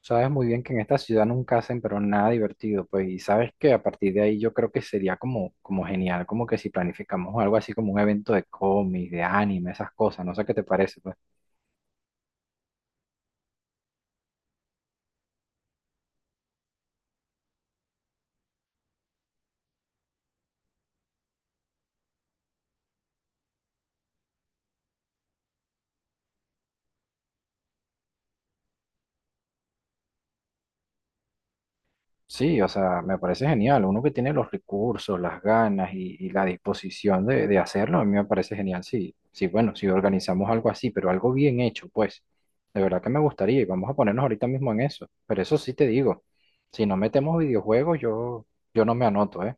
Sabes muy bien que en esta ciudad nunca hacen pero nada divertido, pues, y sabes que a partir de ahí yo creo que sería como, como genial, como que si planificamos algo así como un evento de cómics, de anime, esas cosas, no sé qué te parece, pues. Sí, o sea, me parece genial, uno que tiene los recursos, las ganas y la disposición de hacerlo, a mí me parece genial, sí, sí, bueno, si organizamos algo así, pero algo bien hecho, pues, de verdad que me gustaría y vamos a ponernos ahorita mismo en eso, pero eso sí te digo, si no metemos videojuegos, yo no me anoto, ¿eh?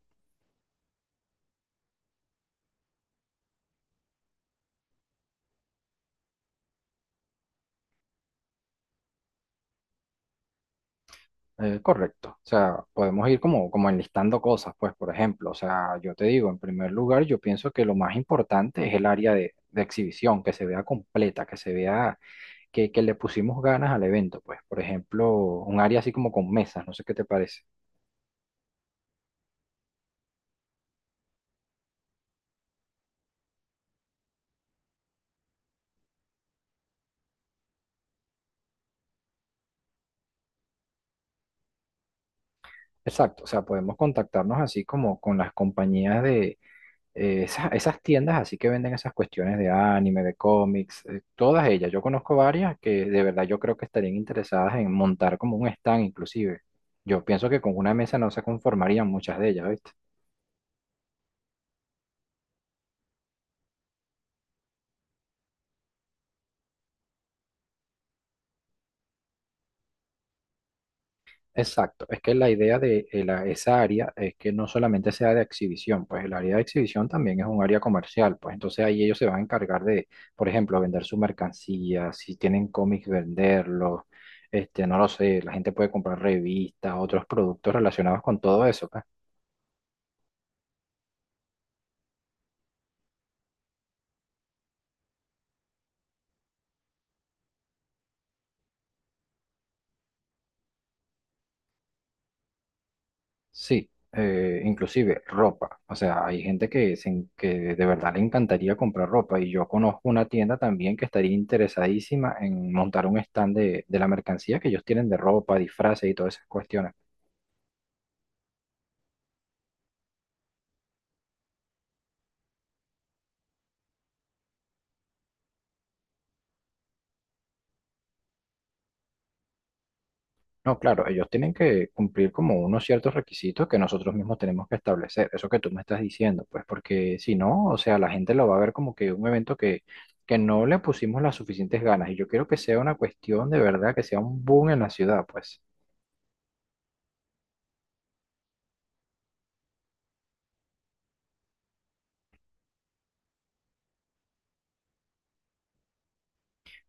Correcto. O sea, podemos ir como, como enlistando cosas, pues, por ejemplo, o sea, yo te digo, en primer lugar, yo pienso que lo más importante es el área de exhibición, que se vea completa, que se vea que le pusimos ganas al evento, pues, por ejemplo, un área así como con mesas, no sé qué te parece. Exacto, o sea, podemos contactarnos así como con las compañías de esas tiendas así que venden esas cuestiones de anime, de cómics, todas ellas. Yo conozco varias que de verdad yo creo que estarían interesadas en montar como un stand inclusive. Yo pienso que con una mesa no se conformarían muchas de ellas, ¿viste? Exacto, es que la idea de esa área es que no solamente sea de exhibición, pues el área de exhibición también es un área comercial, pues entonces ahí ellos se van a encargar de, por ejemplo, vender su mercancía, si tienen cómics, venderlos, este, no lo sé, la gente puede comprar revistas, otros productos relacionados con todo eso, pues. Sí, inclusive ropa. O sea, hay gente que, que de verdad le encantaría comprar ropa y yo conozco una tienda también que estaría interesadísima en montar un stand de la mercancía que ellos tienen de ropa, disfraces y todas esas cuestiones. No, claro, ellos tienen que cumplir como unos ciertos requisitos que nosotros mismos tenemos que establecer. Eso que tú me estás diciendo, pues porque si no, o sea, la gente lo va a ver como que un evento que no le pusimos las suficientes ganas y yo quiero que sea una cuestión de verdad, que sea un boom en la ciudad, pues.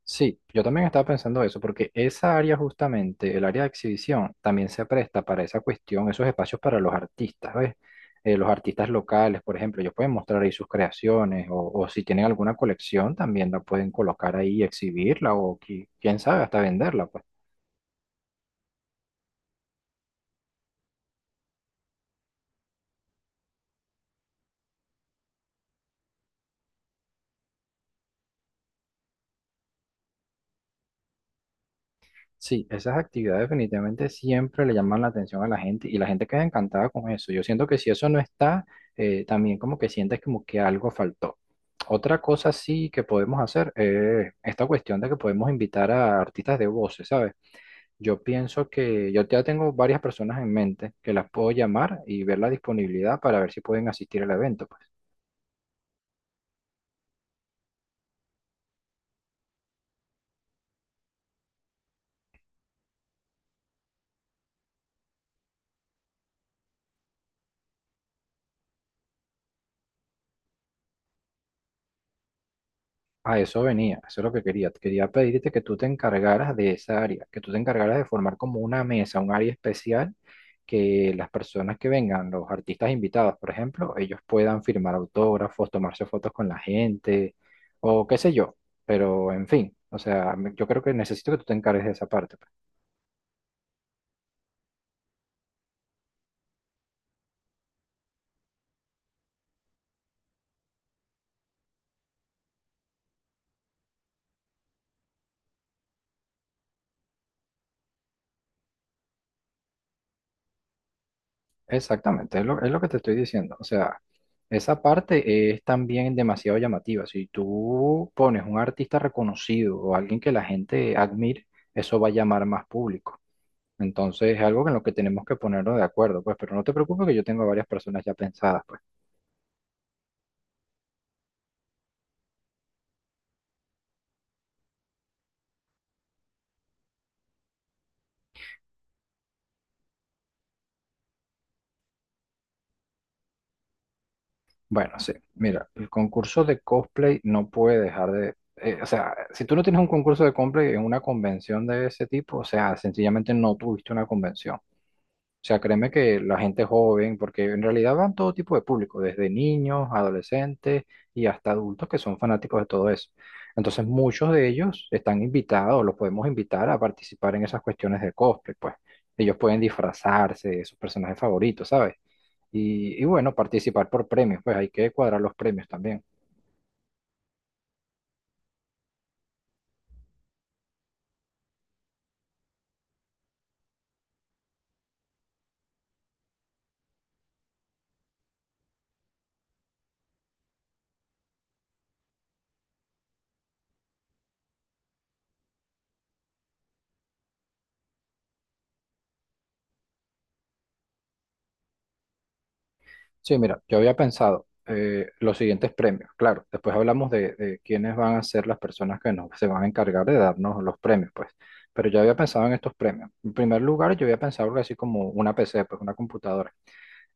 Sí, yo también estaba pensando eso, porque esa área justamente, el área de exhibición, también se presta para esa cuestión, esos espacios para los artistas, ¿ves? Los artistas locales, por ejemplo, ellos pueden mostrar ahí sus creaciones o si tienen alguna colección, también la pueden colocar ahí, exhibirla o quién sabe, hasta venderla, pues. Sí, esas actividades definitivamente siempre le llaman la atención a la gente y la gente queda encantada con eso. Yo siento que si eso no está, también como que sientes como que algo faltó. Otra cosa sí que podemos hacer es esta cuestión de que podemos invitar a artistas de voces, ¿sabes? Yo pienso que yo ya tengo varias personas en mente que las puedo llamar y ver la disponibilidad para ver si pueden asistir al evento, pues. A eso venía, eso es lo que quería. Quería pedirte que tú te encargaras de esa área, que tú te encargaras de formar como una mesa, un área especial que las personas que vengan, los artistas invitados, por ejemplo, ellos puedan firmar autógrafos, tomarse fotos con la gente o qué sé yo. Pero en fin, o sea, yo creo que necesito que tú te encargues de esa parte. Exactamente, es lo que te estoy diciendo. O sea, esa parte es también demasiado llamativa. Si tú pones un artista reconocido o alguien que la gente admire, eso va a llamar más público. Entonces es algo en lo que tenemos que ponernos de acuerdo, pues, pero no te preocupes que yo tengo a varias personas ya pensadas, pues. Bueno, sí, mira, el concurso de cosplay no puede dejar de… o sea, si tú no tienes un concurso de cosplay en una convención de ese tipo, o sea, sencillamente no tuviste una convención. O sea, créeme que la gente joven, porque en realidad van todo tipo de público, desde niños, adolescentes y hasta adultos que son fanáticos de todo eso. Entonces, muchos de ellos están invitados, los podemos invitar a participar en esas cuestiones de cosplay, pues. Ellos pueden disfrazarse de sus personajes favoritos, ¿sabes? Y bueno, participar por premios, pues hay que cuadrar los premios también. Sí, mira, yo había pensado los siguientes premios. Claro, después hablamos de quiénes van a ser las personas que nos, se van a encargar de darnos los premios, pues. Pero yo había pensado en estos premios. En primer lugar, yo había pensado algo así como una PC, pues una computadora.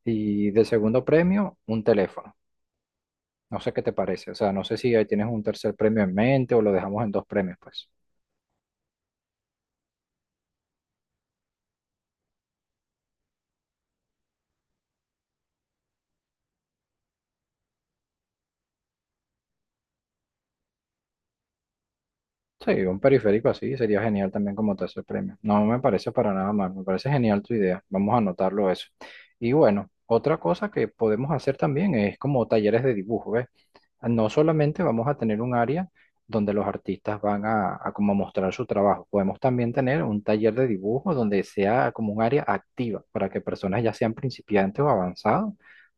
Y de segundo premio, un teléfono. No sé qué te parece. O sea, no sé si ahí tienes un tercer premio en mente o lo dejamos en dos premios, pues. Sí, un periférico así sería genial también como tercer premio. No me parece para nada mal, me parece genial tu idea. Vamos a anotarlo eso. Y bueno, otra cosa que podemos hacer también es como talleres de dibujo, ¿ves? No solamente vamos a tener un área donde los artistas van a como mostrar su trabajo, podemos también tener un taller de dibujo donde sea como un área activa para que personas ya sean principiantes o avanzados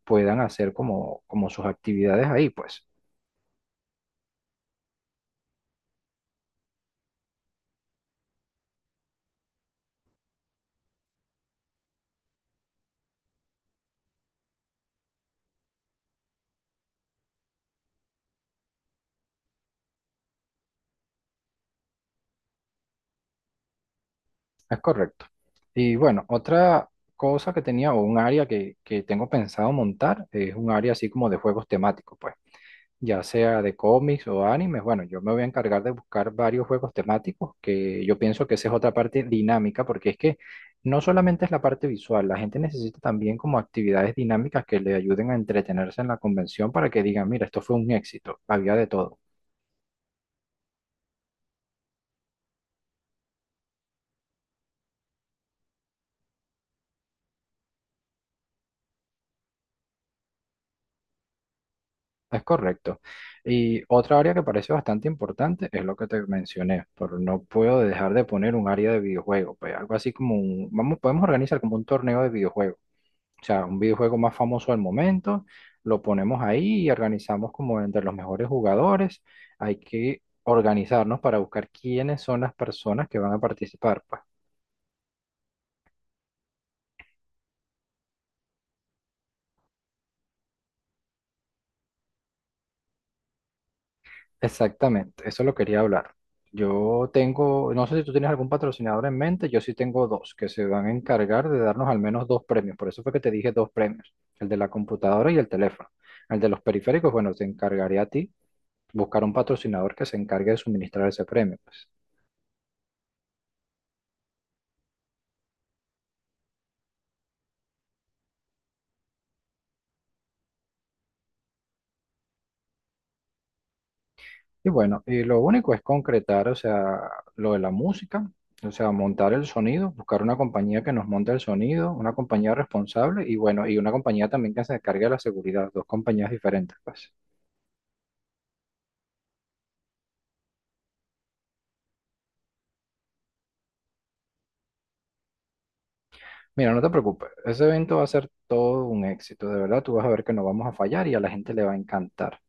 puedan hacer como, como sus actividades ahí, pues. Es correcto. Y bueno, otra cosa que tenía o un área que tengo pensado montar es un área así como de juegos temáticos, pues, ya sea de cómics o animes. Bueno, yo me voy a encargar de buscar varios juegos temáticos, que yo pienso que esa es otra parte dinámica, porque es que no solamente es la parte visual, la gente necesita también como actividades dinámicas que le ayuden a entretenerse en la convención para que digan, mira, esto fue un éxito, había de todo. Es correcto. Y otra área que parece bastante importante es lo que te mencioné, pero no puedo dejar de poner un área de videojuego, pues algo así como un, vamos, podemos organizar como un torneo de videojuegos, o sea, un videojuego más famoso al momento, lo ponemos ahí y organizamos como entre los mejores jugadores, hay que organizarnos para buscar quiénes son las personas que van a participar, pues. Exactamente, eso lo quería hablar. Yo tengo, no sé si tú tienes algún patrocinador en mente, yo sí tengo dos que se van a encargar de darnos al menos dos premios, por eso fue que te dije dos premios, el de la computadora y el teléfono. El de los periféricos, bueno, te encargaré a ti buscar un patrocinador que se encargue de suministrar ese premio, pues. Y bueno, y lo único es concretar, o sea, lo de la música, o sea, montar el sonido, buscar una compañía que nos monte el sonido, una compañía responsable y bueno, y una compañía también que se encargue de la seguridad, dos compañías diferentes, pues. Mira, no te preocupes, ese evento va a ser todo un éxito, de verdad, tú vas a ver que no vamos a fallar y a la gente le va a encantar.